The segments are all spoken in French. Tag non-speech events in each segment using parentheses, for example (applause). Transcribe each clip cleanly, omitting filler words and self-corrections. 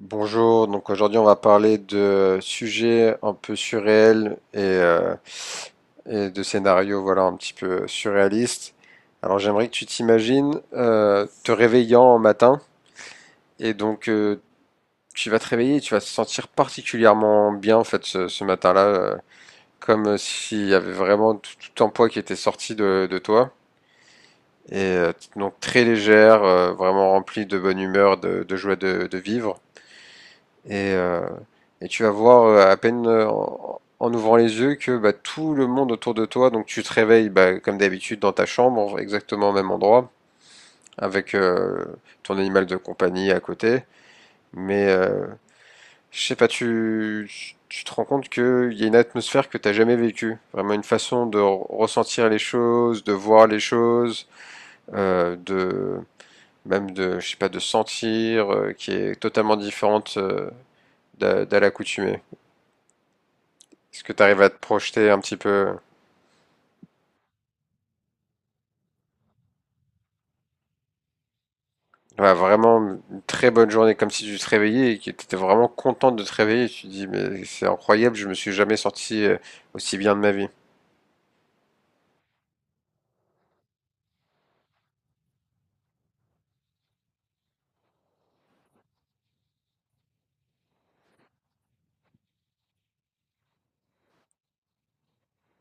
Bonjour, donc aujourd'hui on va parler de sujets un peu surréels et de scénarios voilà, un petit peu surréalistes. Alors j'aimerais que tu t'imagines te réveillant un matin et donc tu vas te réveiller et tu vas te sentir particulièrement bien en fait ce matin-là, comme s'il y avait vraiment tout un poids qui était sorti de toi. Et donc très légère, vraiment remplie de bonne humeur, de joie de vivre. Et, euh, et tu vas voir à peine en ouvrant les yeux que bah, tout le monde autour de toi, donc tu te réveilles bah, comme d'habitude dans ta chambre, exactement au même endroit, avec ton animal de compagnie à côté. Mais je sais pas, tu te rends compte qu'il y a une atmosphère que t'as jamais vécue. Vraiment une façon de ressentir les choses, de voir les choses, de même de, je sais pas, de sentir, qui est totalement différente d'à l'accoutumée. Est-ce que tu arrives à te projeter un petit peu? Ouais, vraiment une très bonne journée, comme si tu te réveillais et que tu étais vraiment contente de te réveiller. Tu te dis, mais c'est incroyable, je me suis jamais sorti aussi bien de ma vie.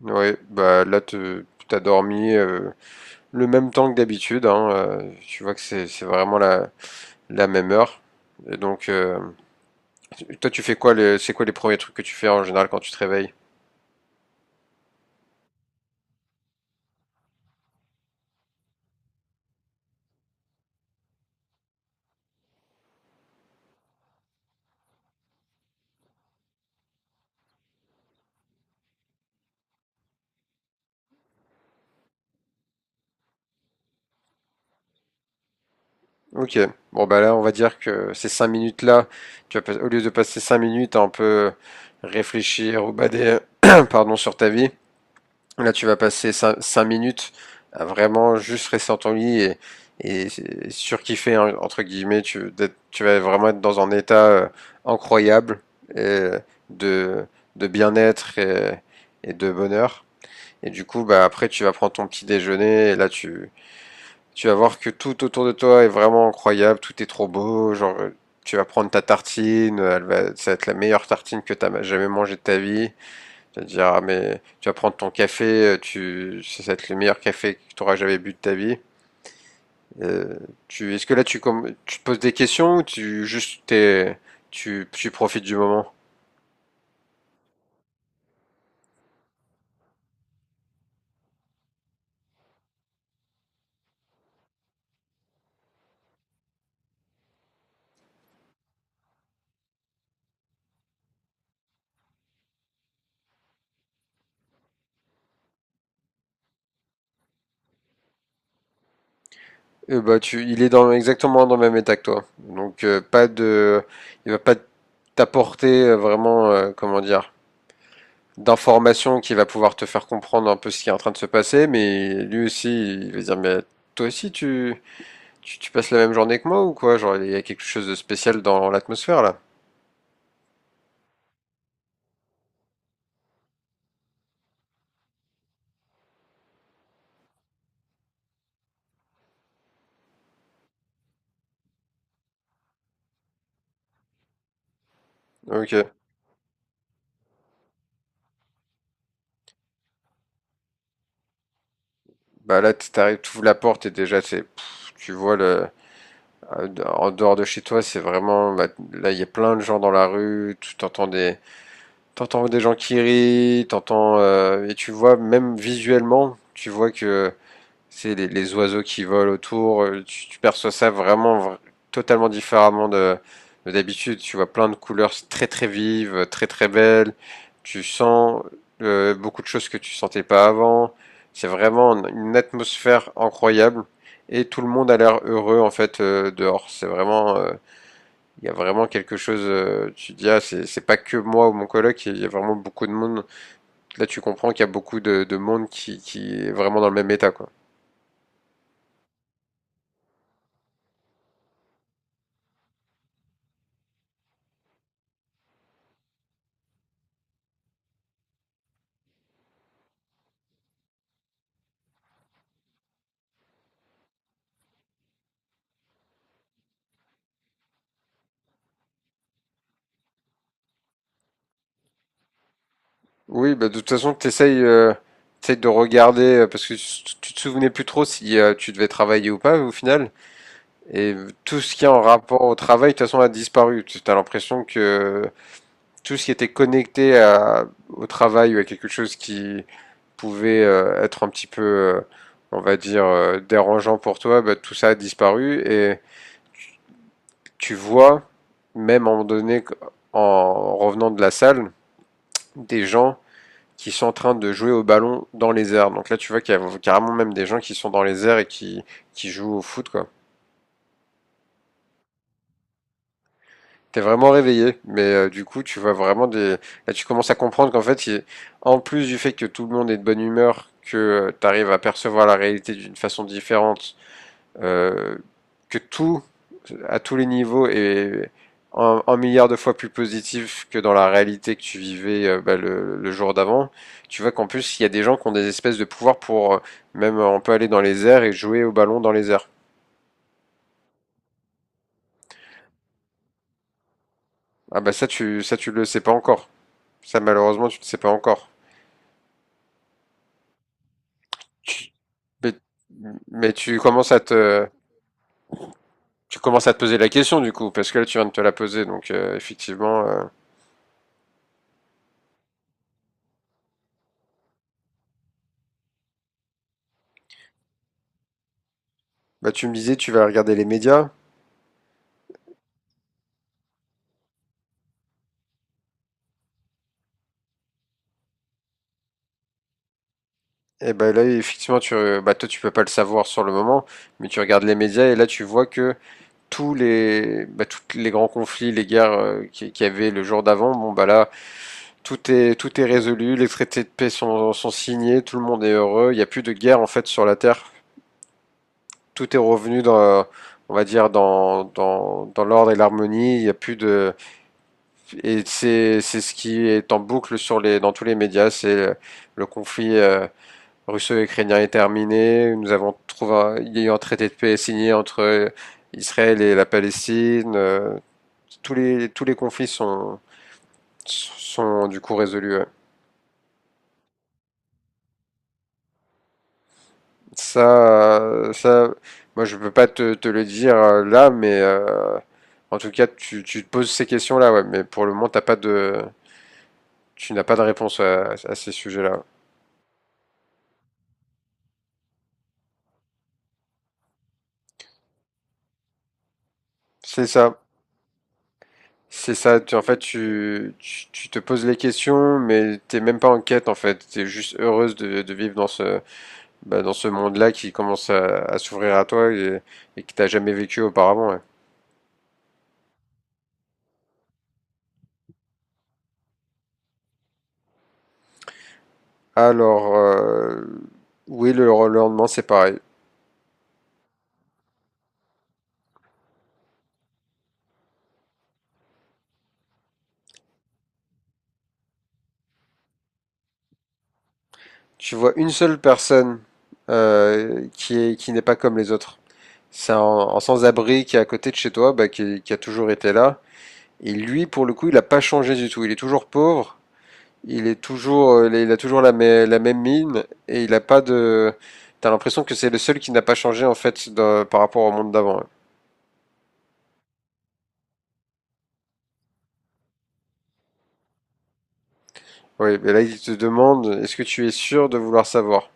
Ouais, bah là, tu as dormi le même temps que d'habitude. Hein, tu vois que c'est vraiment la même heure. Et donc, toi, tu fais quoi, c'est quoi les premiers trucs que tu fais en général quand tu te réveilles? Ok, bon bah là on va dire que ces 5 minutes là, tu vas pas- au lieu de passer 5 minutes à un peu réfléchir ou bader (coughs) (clears throat) pardon, sur ta vie, là tu vas passer cinq minutes à vraiment juste rester dans ton lit et surkiffer hein, entre guillemets, tu vas vraiment être dans un état incroyable et de, de bien-être et de bonheur. Et du coup bah après tu vas prendre ton petit déjeuner et là tu vas voir que tout autour de toi est vraiment incroyable, tout est trop beau, genre tu vas prendre ta tartine, ça va être la meilleure tartine que tu as jamais mangée de ta vie. Tu vas te dire, ah, mais tu vas prendre ton café, ça va être le meilleur café que tu auras jamais bu de ta vie. Euh, est-ce que là tu te poses des questions ou tu profites du moment? Bah, il est exactement dans le même état que toi. Donc, pas de, il va pas t'apporter vraiment, comment dire, d'informations qui va pouvoir te faire comprendre un peu ce qui est en train de se passer, mais lui aussi, il va dire, mais toi aussi, tu passes la même journée que moi ou quoi? Genre, il y a quelque chose de spécial dans l'atmosphère là. Ok. Bah là, t'arrives, tu ouvres la porte et déjà, c'est, tu vois le, en dehors de chez toi, c'est vraiment, bah, là, il y a plein de gens dans la rue, t'entends des gens qui rient, et tu vois même visuellement, tu vois que c'est les oiseaux qui volent autour. Tu perçois ça vraiment totalement différemment de d'habitude. Tu vois plein de couleurs très très vives, très très belles. Tu sens beaucoup de choses que tu sentais pas avant. C'est vraiment une atmosphère incroyable et tout le monde a l'air heureux en fait dehors. C'est vraiment, il y a vraiment quelque chose. Tu te dis ah c'est pas que moi ou mon coloc, il y a vraiment beaucoup de monde. Là tu comprends qu'il y a beaucoup de monde qui est vraiment dans le même état quoi. Oui, bah, de toute façon, tu essayes, de regarder, parce que tu te souvenais plus trop si tu devais travailler ou pas au final. Et tout ce qui est en rapport au travail, de toute façon, a disparu. Tu as l'impression que euh, tout ce qui était connecté au travail ou à quelque chose qui pouvait être un petit peu, on va dire, dérangeant pour toi, bah, tout ça a disparu. Et tu vois, même à un moment donné, en revenant de la salle, des gens qui sont en train de jouer au ballon dans les airs. Donc là, tu vois qu'il y a carrément même des gens qui sont dans les airs et qui jouent au foot, quoi. T'es vraiment réveillé, mais du coup, tu vois vraiment des. Là, tu commences à comprendre qu'en fait, en plus du fait que tout le monde est de bonne humeur, que tu arrives à percevoir la réalité d'une façon différente euh, que tout, à tous les niveaux, est un milliard de fois plus positif que dans la réalité que tu vivais bah, le jour d'avant, tu vois qu'en plus, il y a des gens qui ont des espèces de pouvoirs pour, même, on peut aller dans les airs et jouer au ballon dans les airs. Ah bah ça, ça, tu le sais pas encore. Ça, malheureusement, tu ne le sais pas encore. Tu- Mais, mais tu commences à te poser la question, du coup, parce que là, tu viens de te la poser, donc effectivement, bah tu me disais, tu vas regarder les médias. Et ben là, effectivement, bah, toi, tu peux pas le savoir sur le moment, mais tu regardes les médias et là, tu vois que bah, tous les grands conflits, les guerres qu'il y avait le jour d'avant, bon, bah là, tout est résolu, les traités de paix sont signés, tout le monde est heureux, il n'y a plus de guerre, en fait, sur la Terre. Tout est revenu, on va dire, dans l'ordre et l'harmonie, il n'y a plus de, et c'est ce qui est en boucle dans tous les médias, c'est le conflit, russo-ukrainien est terminé. Nous avons trouvé un, Il y a eu un traité de paix signé entre Israël et la Palestine. Tous les conflits sont du coup résolus. Ouais. Ça, moi je peux pas te le dire là, mais en tout cas tu te poses ces questions-là, ouais, mais pour le moment t'as pas de, tu n'as pas de réponse à ces sujets-là. C'est ça. C'est ça, en fait, tu te poses les questions, mais t'es même pas en quête, en fait. T'es juste heureuse de vivre bah, dans ce monde-là qui commence à s'ouvrir à toi et que t'as jamais vécu auparavant. Ouais. Alors, oui, le lendemain, c'est pareil. Tu vois une seule personne qui n'est pas comme les autres. C'est un sans-abri qui est à côté de chez toi, bah, qui a toujours été là. Et lui, pour le coup, il a pas changé du tout. Il est toujours pauvre. Il est toujours, toujours la même mine et il a pas de. T'as l'impression que c'est le seul qui n'a pas changé en fait par rapport au monde d'avant. Hein. Oui, mais là il te demande, est-ce que tu es sûr de vouloir savoir?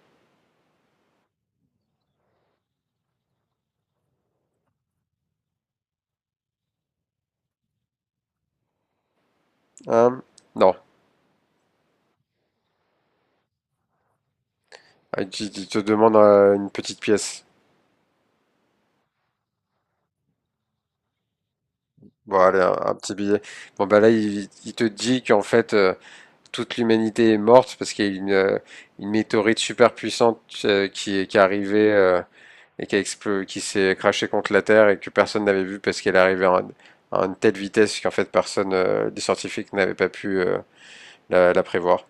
Hein? Non. Ah, il te demande une petite pièce. Bon, allez, un petit billet. Bon, bah là, il te dit qu'en fait, toute l'humanité est morte parce qu'il y a une météorite super puissante qui est arrivée et qui s'est crashée contre la Terre et que personne n'avait vu parce qu'elle arrivait à une telle vitesse qu'en fait les scientifiques n'avaient pas pu la prévoir.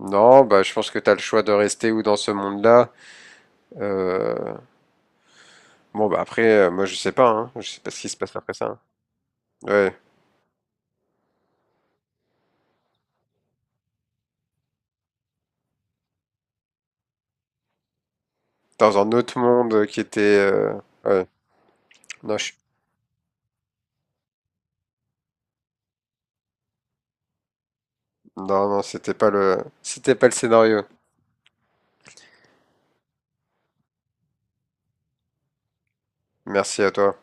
Non, bah je pense que t'as le choix de rester ou dans ce monde-là. Euh, Bon bah après, moi je sais pas, hein. Je sais pas ce qui se passe après ça. Hein. Ouais, dans un autre monde qui était, ouais. Non, non, non, c'était pas le scénario. Merci à toi.